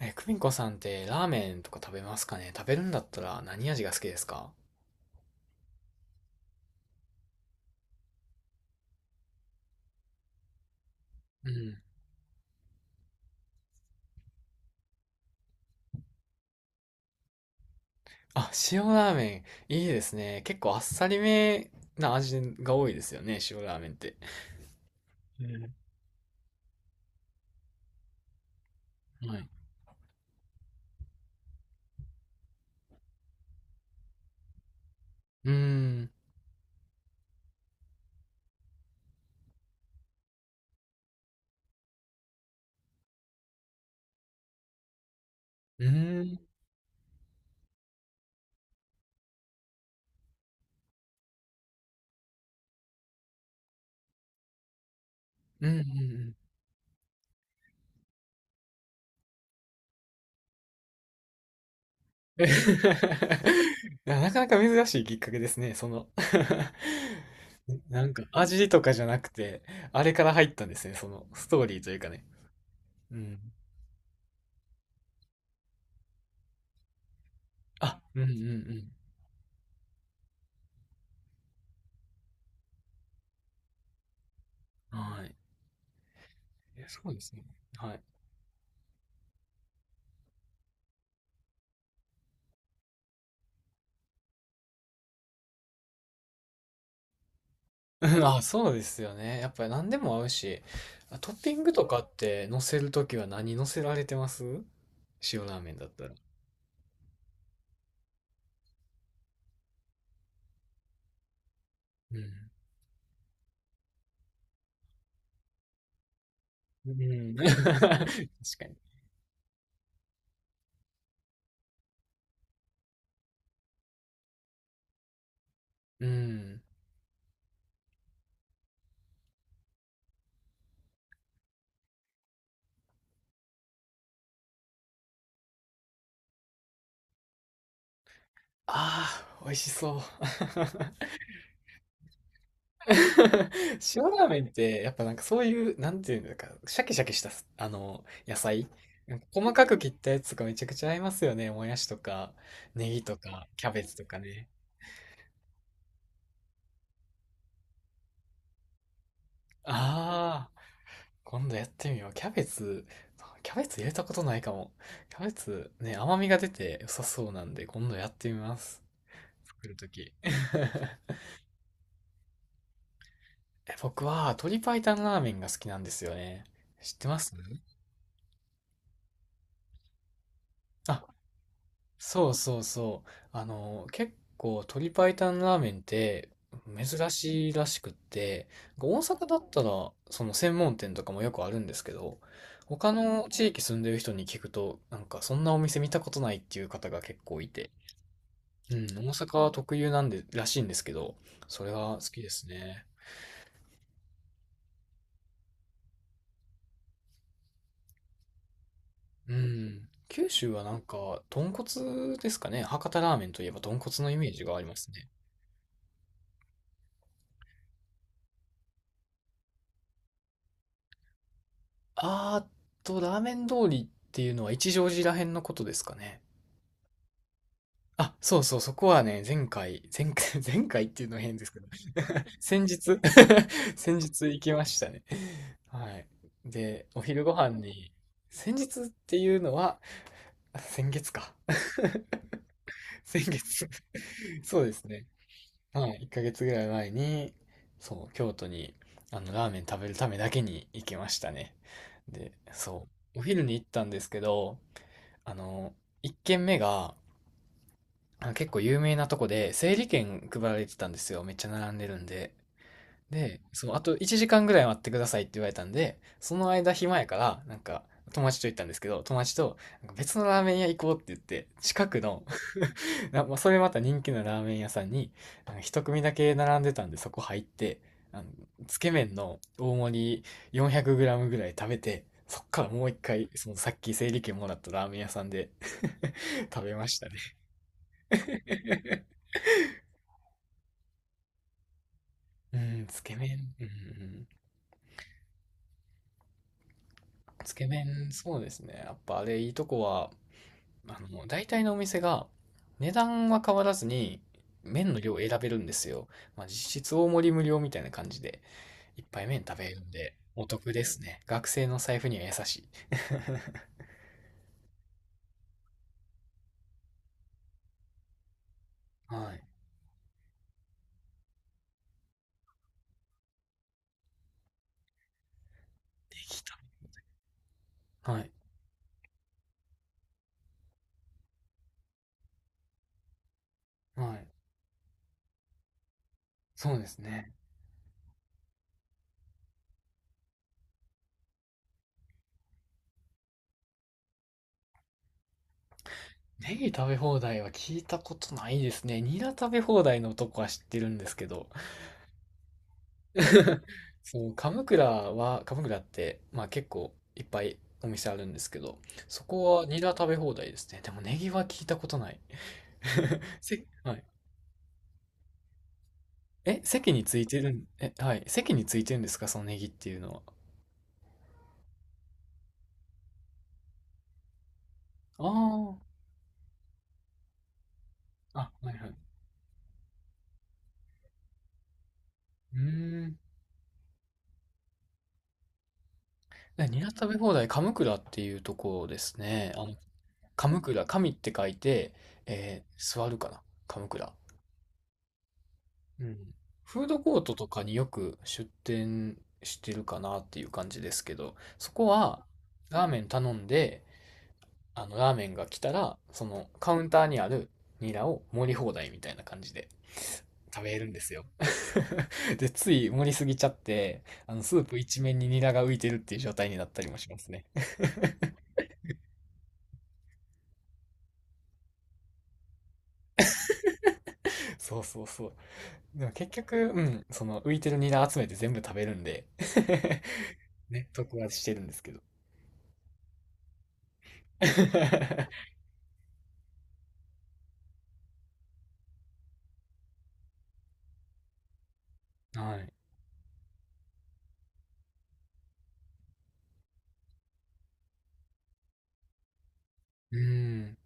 久美子さんってラーメンとか食べますかね？食べるんだったら何味が好きですか？うん。あ、塩ラーメン、いいですね。結構あっさりめな味が多いですよね、塩ラーメンって。うん。はい。うーん。うーん。うんうんうん いやなかなか珍しいきっかけですね、その なんか味とかじゃなくて、あれから入ったんですね、そのストーリーというかね。うん。あ、うんうんうん。はい。え、そうですね。はい。うんあ、そうですよね。やっぱり何でも合うし、あ、トッピングとかって乗せるときは何乗せられてます？塩ラーメンだったら。うん。うん。確かに。うん。ああ、美味しそう。塩ラーメンって、やっぱなんかそういう、なんていうんだか、シャキシャキした、あの、野菜。なんか細かく切ったやつとかめちゃくちゃ合いますよね。もやしとか、ネギとか、キャベツとかね。ああ。今度やってみよう。キャベツ入れたことないかも。キャベツね、甘みが出て良さそうなんで、今度やってみます。作るとき。僕は鶏白湯ラーメンが好きなんですよね。知ってます？あ、そうそうそう。あの、結構鶏白湯ラーメンって珍しいらしくって、大阪だったらその専門店とかもよくあるんですけど、他の地域住んでる人に聞くと、なんかそんなお店見たことないっていう方が結構いて、うん、大阪は特有なんで、らしいんですけど、それは好きですね。うん。九州はなんか、豚骨ですかね。博多ラーメンといえば豚骨のイメージがありますね。あーっと、ラーメン通りっていうのは一乗寺らへんのことですかね。あ、そうそう、そこはね、前回、前回、前回っていうのは変ですけど、先日 先日行きましたね。はい。で、お昼ご飯に、先日っていうのは、あ、先月か。先月。 そうですね。はい。1ヶ月ぐらい前に、そう、京都に、あの、ラーメン食べるためだけに行きましたね。で、そう、お昼に行ったんですけど、あの、1軒目が、あの結構有名なとこで、整理券配られてたんですよ。めっちゃ並んでるんで。で、そう、あと1時間ぐらい待ってくださいって言われたんで、その間暇やから、なんか、友達と行ったんですけど、友達と、なんか別のラーメン屋行こうって言って、近くの、 まあ、それまた人気のラーメン屋さんに、なんか一組だけ並んでたんで、そこ入って、あの、つけ麺の大盛り 400g ぐらい食べて、そっからもう一回、そのさっき整理券もらったラーメン屋さんで 食べましたね。うん、つけ麺、うん、うん。つけ麺、そうですね。やっぱあれ、いいとこは、あの、大体のお店が値段は変わらずに麺の量を選べるんですよ。まあ、実質大盛り無料みたいな感じでいっぱい麺食べれるんでお得ですね。学生の財布には優しい。はい。できた。はい。はい。そうですね。ネギ食べ放題は聞いたことないですね。ニラ食べ放題のとこは知ってるんですけど、そう、鎌倉は、鎌倉って、まあ結構いっぱいお店あるんですけど、そこはニラ食べ放題ですね。でもネギは聞いたことない。はい。え、席についてるん、え、はい。席についてるんですか、そのネギっていうのは。ああ、あ、はいはい。うーん。でニラ食べ放題、鎌倉っていうところですね。あの、鎌倉、神って書いて、座るかな。鎌倉。うん。フードコートとかによく出店してるかなっていう感じですけど、そこはラーメン頼んで、あのラーメンが来たら、そのカウンターにあるニラを盛り放題みたいな感じで食べれるんですよ。で、つい盛りすぎちゃって、あのスープ一面にニラが浮いてるっていう状態になったりもしますね。そうそうそう。でも結局、うん、その浮いてるニラ集めて全部食べるんで ね、得はしてるんですけど。はい。うん。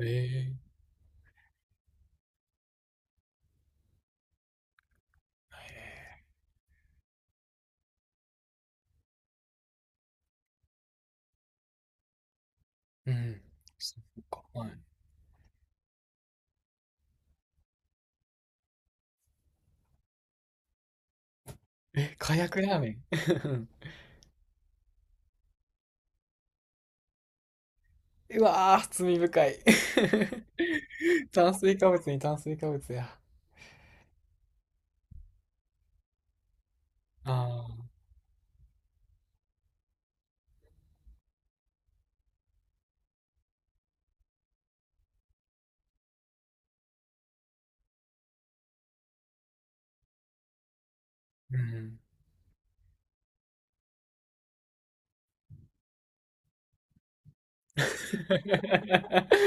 ええ、うん。そっか、はい。え、かやくラーメン。 うわー、罪深い。 炭水化物に炭水化物や。ああ、うん。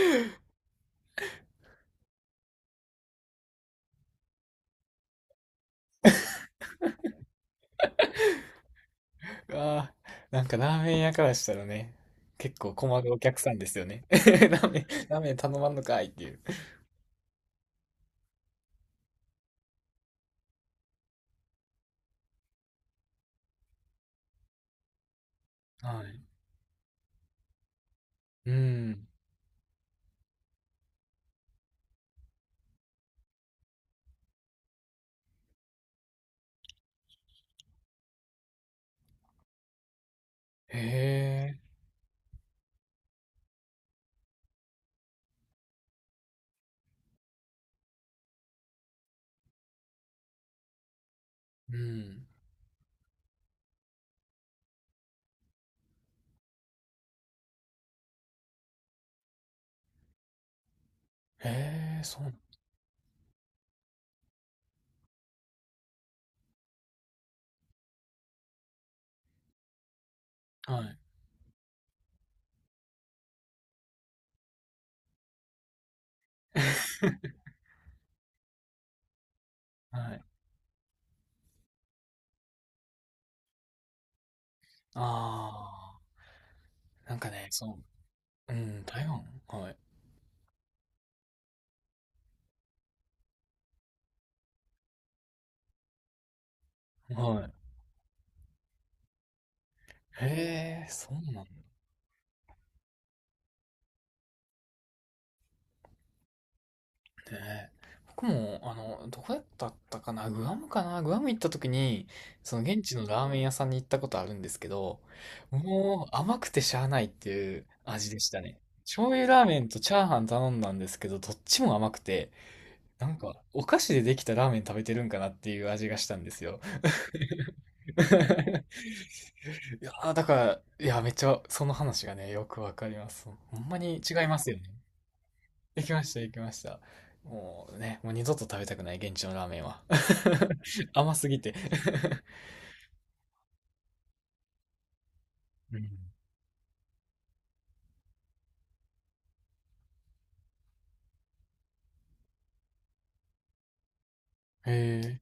ああ、なんかラーメン屋からしたらね、結構困るお客さんですよね。ラーメン頼まんのかいっていう。はい。うん。へえ、うん。へえ、そう。はい。はい。ああ、なんかね、そう、うん、台湾はい。はい。へえ、そうなんだね。僕も、あの、どこだったかな、グアムかな、グアム行った時に、その現地のラーメン屋さんに行ったことあるんですけど、もう甘くてしゃあないっていう味でしたね。醤油ラーメンとチャーハン頼んだんですけど、どっちも甘くて、なんか、お菓子でできたラーメン食べてるんかなっていう味がしたんですよ。いやー、だから、いや、めっちゃ、その話がね、よくわかります。ほんまに違いますよね。行きました、行きました。もうね、もう二度と食べたくない、現地のラーメンは。甘すぎて。うん。へえ。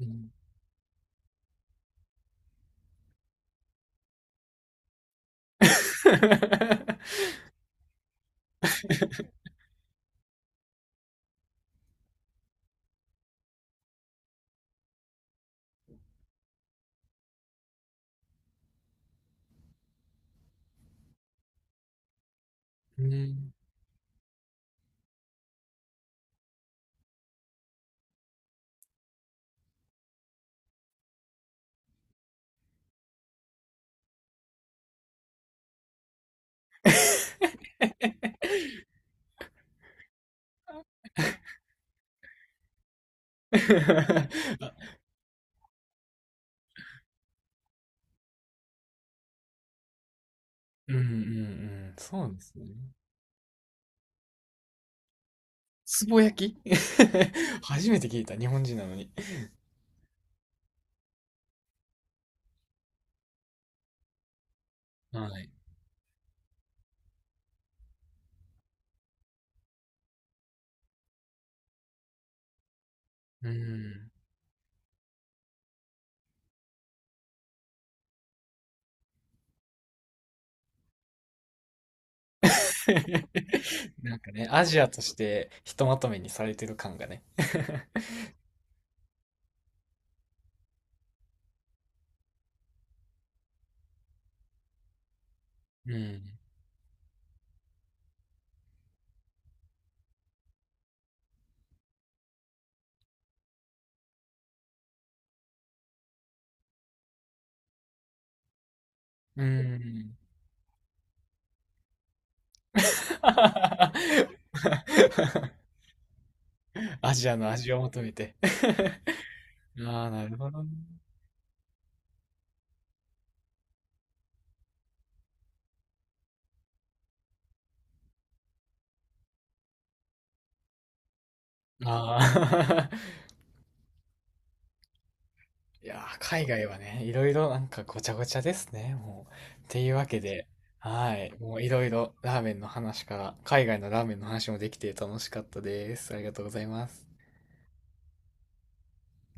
うん。うん。あうんうんうん、そうですね。つぼ焼き。 初めて聞いた、日本人なのに。はい。うーん。なんかね、アジアとしてひとまとめにされてる感がね。うん。うーん。アジアの味を求めて。ああ、なるほどね。ああ。いやー、海外はね、いろいろなんかごちゃごちゃですね、もう。っていうわけで、はい。もういろいろラーメンの話から、海外のラーメンの話もできて楽しかったです。ありがとうございます。